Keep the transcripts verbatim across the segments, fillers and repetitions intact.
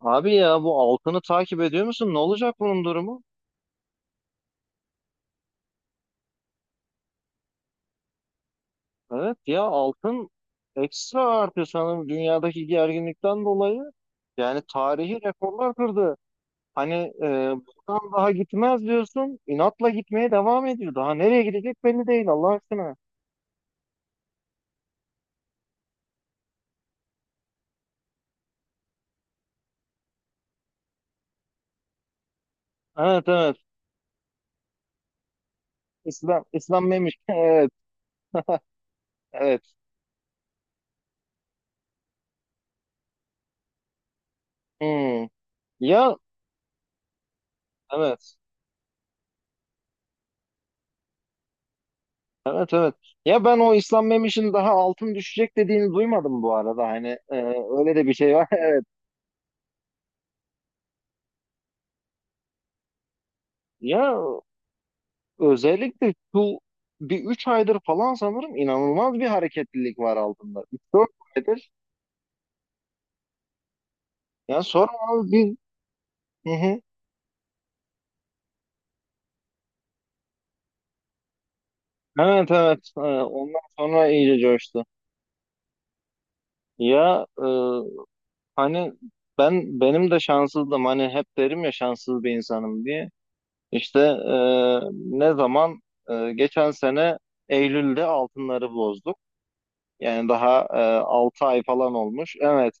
Abi ya bu altını takip ediyor musun? Ne olacak bunun durumu? Evet ya altın ekstra artıyor sanırım dünyadaki gerginlikten dolayı. Yani tarihi rekorlar kırdı. Hani e, buradan daha gitmez diyorsun. İnatla gitmeye devam ediyor. Daha nereye gidecek belli değil Allah aşkına. Evet, evet. İslam İslam neymiş? Evet, evet. Hmm. Ya, evet. Evet, evet. Ya ben o İslam Memiş'in daha altın düşecek dediğini duymadım bu arada. Hani e, öyle de bir şey var. Evet. Ya özellikle şu bir üç aydır falan sanırım inanılmaz bir hareketlilik var altında. Üç dört aydır. Ya sonra abi biz. Hı hı. Evet, evet. Ee, Ondan sonra iyice coştu. Ya e, hani ben benim de şanssızdım. Hani hep derim ya şanssız bir insanım diye. İşte e, ne zaman e, geçen sene Eylül'de altınları bozduk. Yani daha e, altı ay falan olmuş. Evet.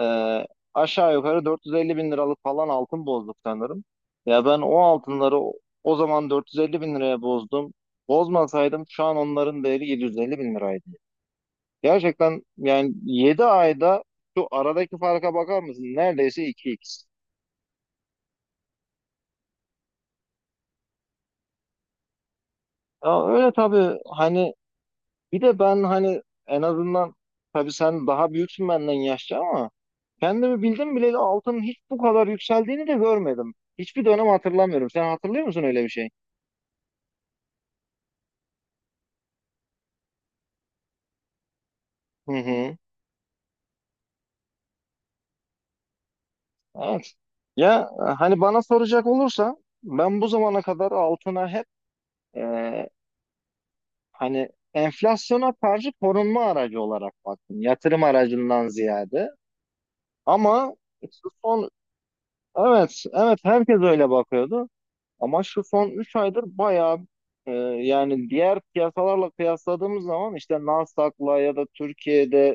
Ee, Aşağı yukarı 450 bin liralık falan altın bozduk sanırım. Ya ben o altınları o o zaman 450 bin liraya bozdum. Bozmasaydım şu an onların değeri 750 bin liraydı. Gerçekten yani yedi ayda şu aradaki farka bakar mısın? Neredeyse iki x. Ya öyle tabii hani bir de ben hani en azından tabii sen daha büyüksün benden yaşça ama kendimi bildim bileli altının hiç bu kadar yükseldiğini de görmedim. Hiçbir dönem hatırlamıyorum. Sen hatırlıyor musun öyle bir şey? Hı hı. Evet. Ya e, hani bana soracak olursa ben bu zamana kadar altına hep e, hani enflasyona karşı korunma aracı olarak baktım. Yatırım aracından ziyade. Ama şu son. Evet, evet. Herkes öyle bakıyordu. Ama şu son üç aydır bayağı e, yani diğer piyasalarla kıyasladığımız zaman işte Nasdaq'la ya da Türkiye'de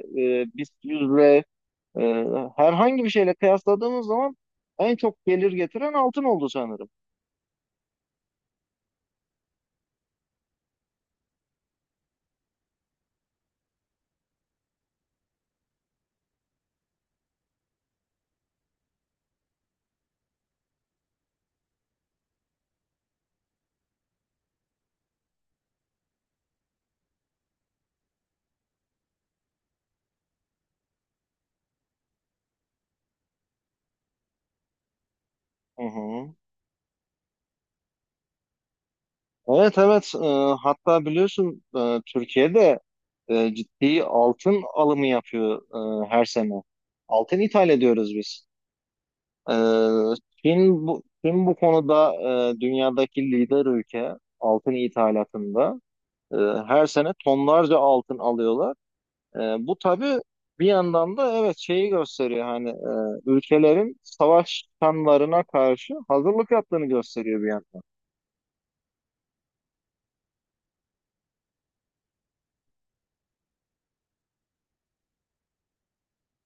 e, BIST yüzle e, herhangi bir şeyle kıyasladığımız zaman en çok gelir getiren altın oldu sanırım. Hı hı. Evet, evet. E, hatta biliyorsun e, Türkiye'de e, ciddi altın alımı yapıyor e, her sene. Altın ithal ediyoruz biz. E, Çin bu, Çin bu konuda e, dünyadaki lider ülke altın ithalatında. E, Her sene tonlarca altın alıyorlar. E, Bu tabii bir yandan da evet şeyi gösteriyor hani e, ülkelerin savaş kanlarına karşı hazırlık yaptığını gösteriyor bir yandan.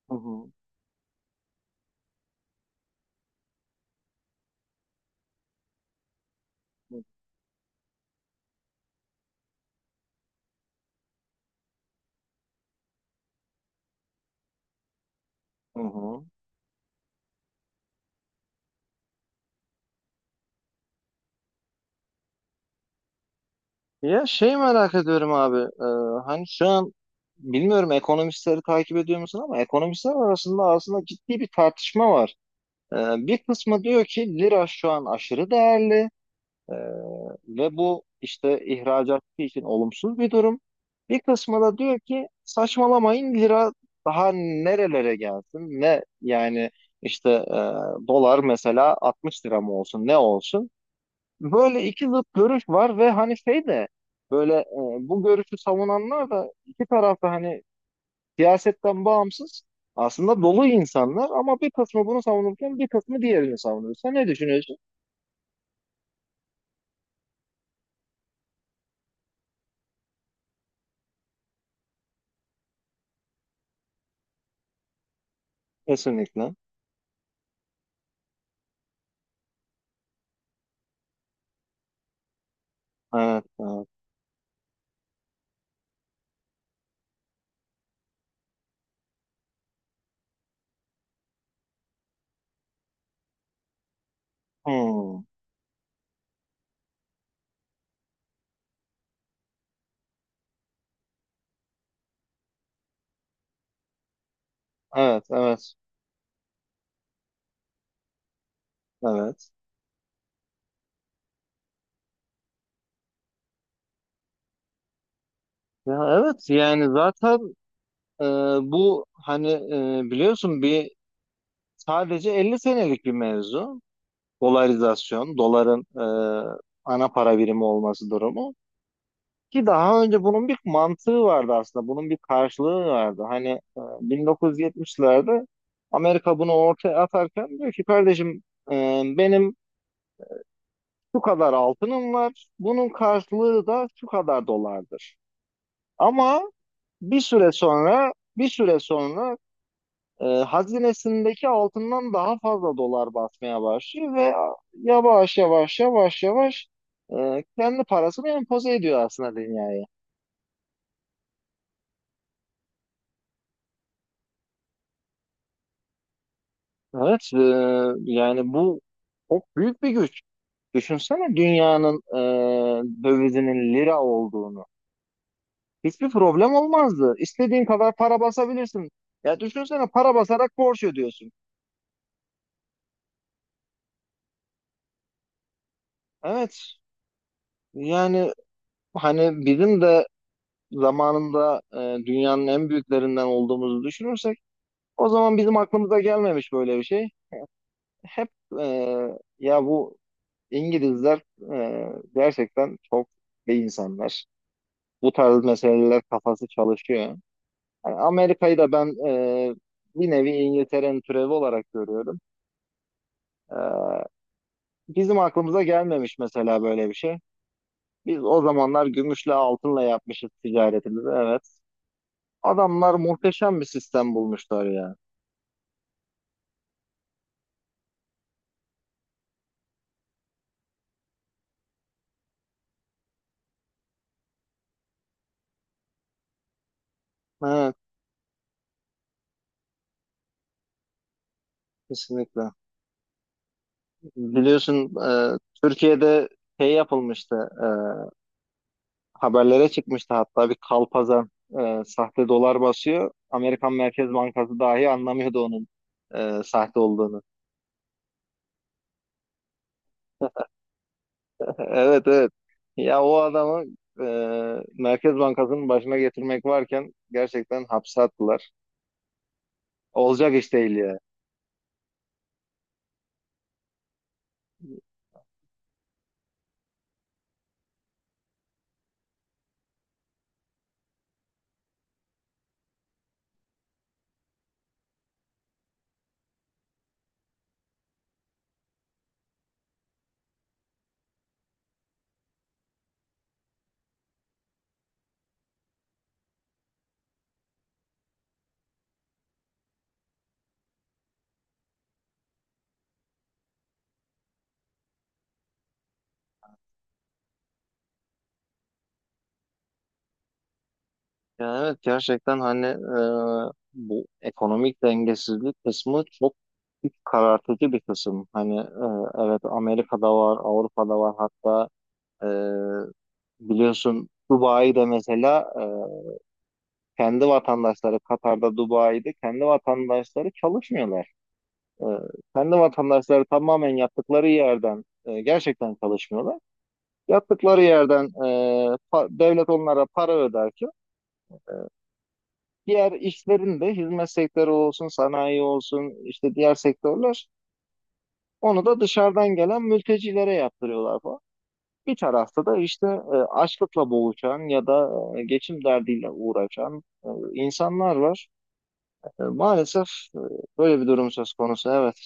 Hı hı. Hı hı. Ya şey merak ediyorum abi. E, hani şu an bilmiyorum ekonomistleri takip ediyor musun ama ekonomistler arasında aslında ciddi bir tartışma var. E, Bir kısmı diyor ki lira şu an aşırı değerli e, ve bu işte ihracatçı için olumsuz bir durum. Bir kısmı da diyor ki saçmalamayın lira daha nerelere gelsin ne yani işte e, dolar mesela altmış lira mı olsun ne olsun. Böyle iki zıt görüş var ve hani şey de böyle e, bu görüşü savunanlar da iki tarafta hani siyasetten bağımsız aslında dolu insanlar ama bir kısmı bunu savunurken bir kısmı diğerini savunuyor. Sen ne düşünüyorsun? Kesinlikle. Evet, evet. Hmm. Evet, evet, evet. Ya evet yani zaten e, bu hani e, biliyorsun bir sadece elli senelik bir mevzu. Dolarizasyon, doların e, ana para birimi olması durumu. Ki daha önce bunun bir mantığı vardı aslında. Bunun bir karşılığı vardı. Hani e, bin dokuz yüz yetmişlerde Amerika bunu ortaya atarken diyor ki kardeşim e, benim şu kadar altınım var. Bunun karşılığı da şu kadar dolardır. Ama bir süre sonra bir süre sonra e, hazinesindeki altından daha fazla dolar basmaya başlıyor ve yavaş yavaş yavaş yavaş e, kendi parasını empoze ediyor aslında dünya. Evet, e, yani bu çok büyük bir güç. Düşünsene dünyanın e, dövizinin lira olduğunu. Hiçbir problem olmazdı. İstediğin kadar para basabilirsin. Ya düşünsene para basarak borç ödüyorsun. Evet, yani hani bizim de zamanında e, dünyanın en büyüklerinden olduğumuzu düşünürsek o zaman bizim aklımıza gelmemiş böyle bir şey. Hep e, ya bu İngilizler e, gerçekten çok iyi insanlar. Bu tarz meseleler kafası çalışıyor. Yani Amerika'yı da ben e, bir nevi İngiltere'nin türevi olarak görüyorum. E, Bizim aklımıza gelmemiş mesela böyle bir şey. Biz o zamanlar gümüşle altınla yapmışız ticaretimizi, evet. Adamlar muhteşem bir sistem bulmuşlar ya. Evet, kesinlikle. Biliyorsun e, Türkiye'de şey yapılmıştı, e, haberlere çıkmıştı hatta bir kalpazan e, sahte dolar basıyor. Amerikan Merkez Bankası dahi anlamıyordu onun e, sahte olduğunu. Evet, evet. Ya o adamı e, Merkez Bankası'nın başına getirmek varken gerçekten hapse attılar. Olacak iş değil ya. Ya evet gerçekten hani e, bu ekonomik dengesizlik kısmı çok iç karartıcı bir kısım. Hani e, evet Amerika'da var, Avrupa'da var hatta e, biliyorsun Dubai'de mesela e, kendi vatandaşları Katar'da, Dubai'de kendi vatandaşları çalışmıyorlar. E, Kendi vatandaşları tamamen yaptıkları yerden e, gerçekten çalışmıyorlar. Yaptıkları yerden e, pa- devlet onlara para öderken diğer işlerin de hizmet sektörü olsun, sanayi olsun, işte diğer sektörler onu da dışarıdan gelen mültecilere yaptırıyorlar falan. Bir tarafta da işte e, açlıkla boğuşan ya da e, geçim derdiyle uğraşan e, insanlar var. E, maalesef e, böyle bir durum söz konusu, evet.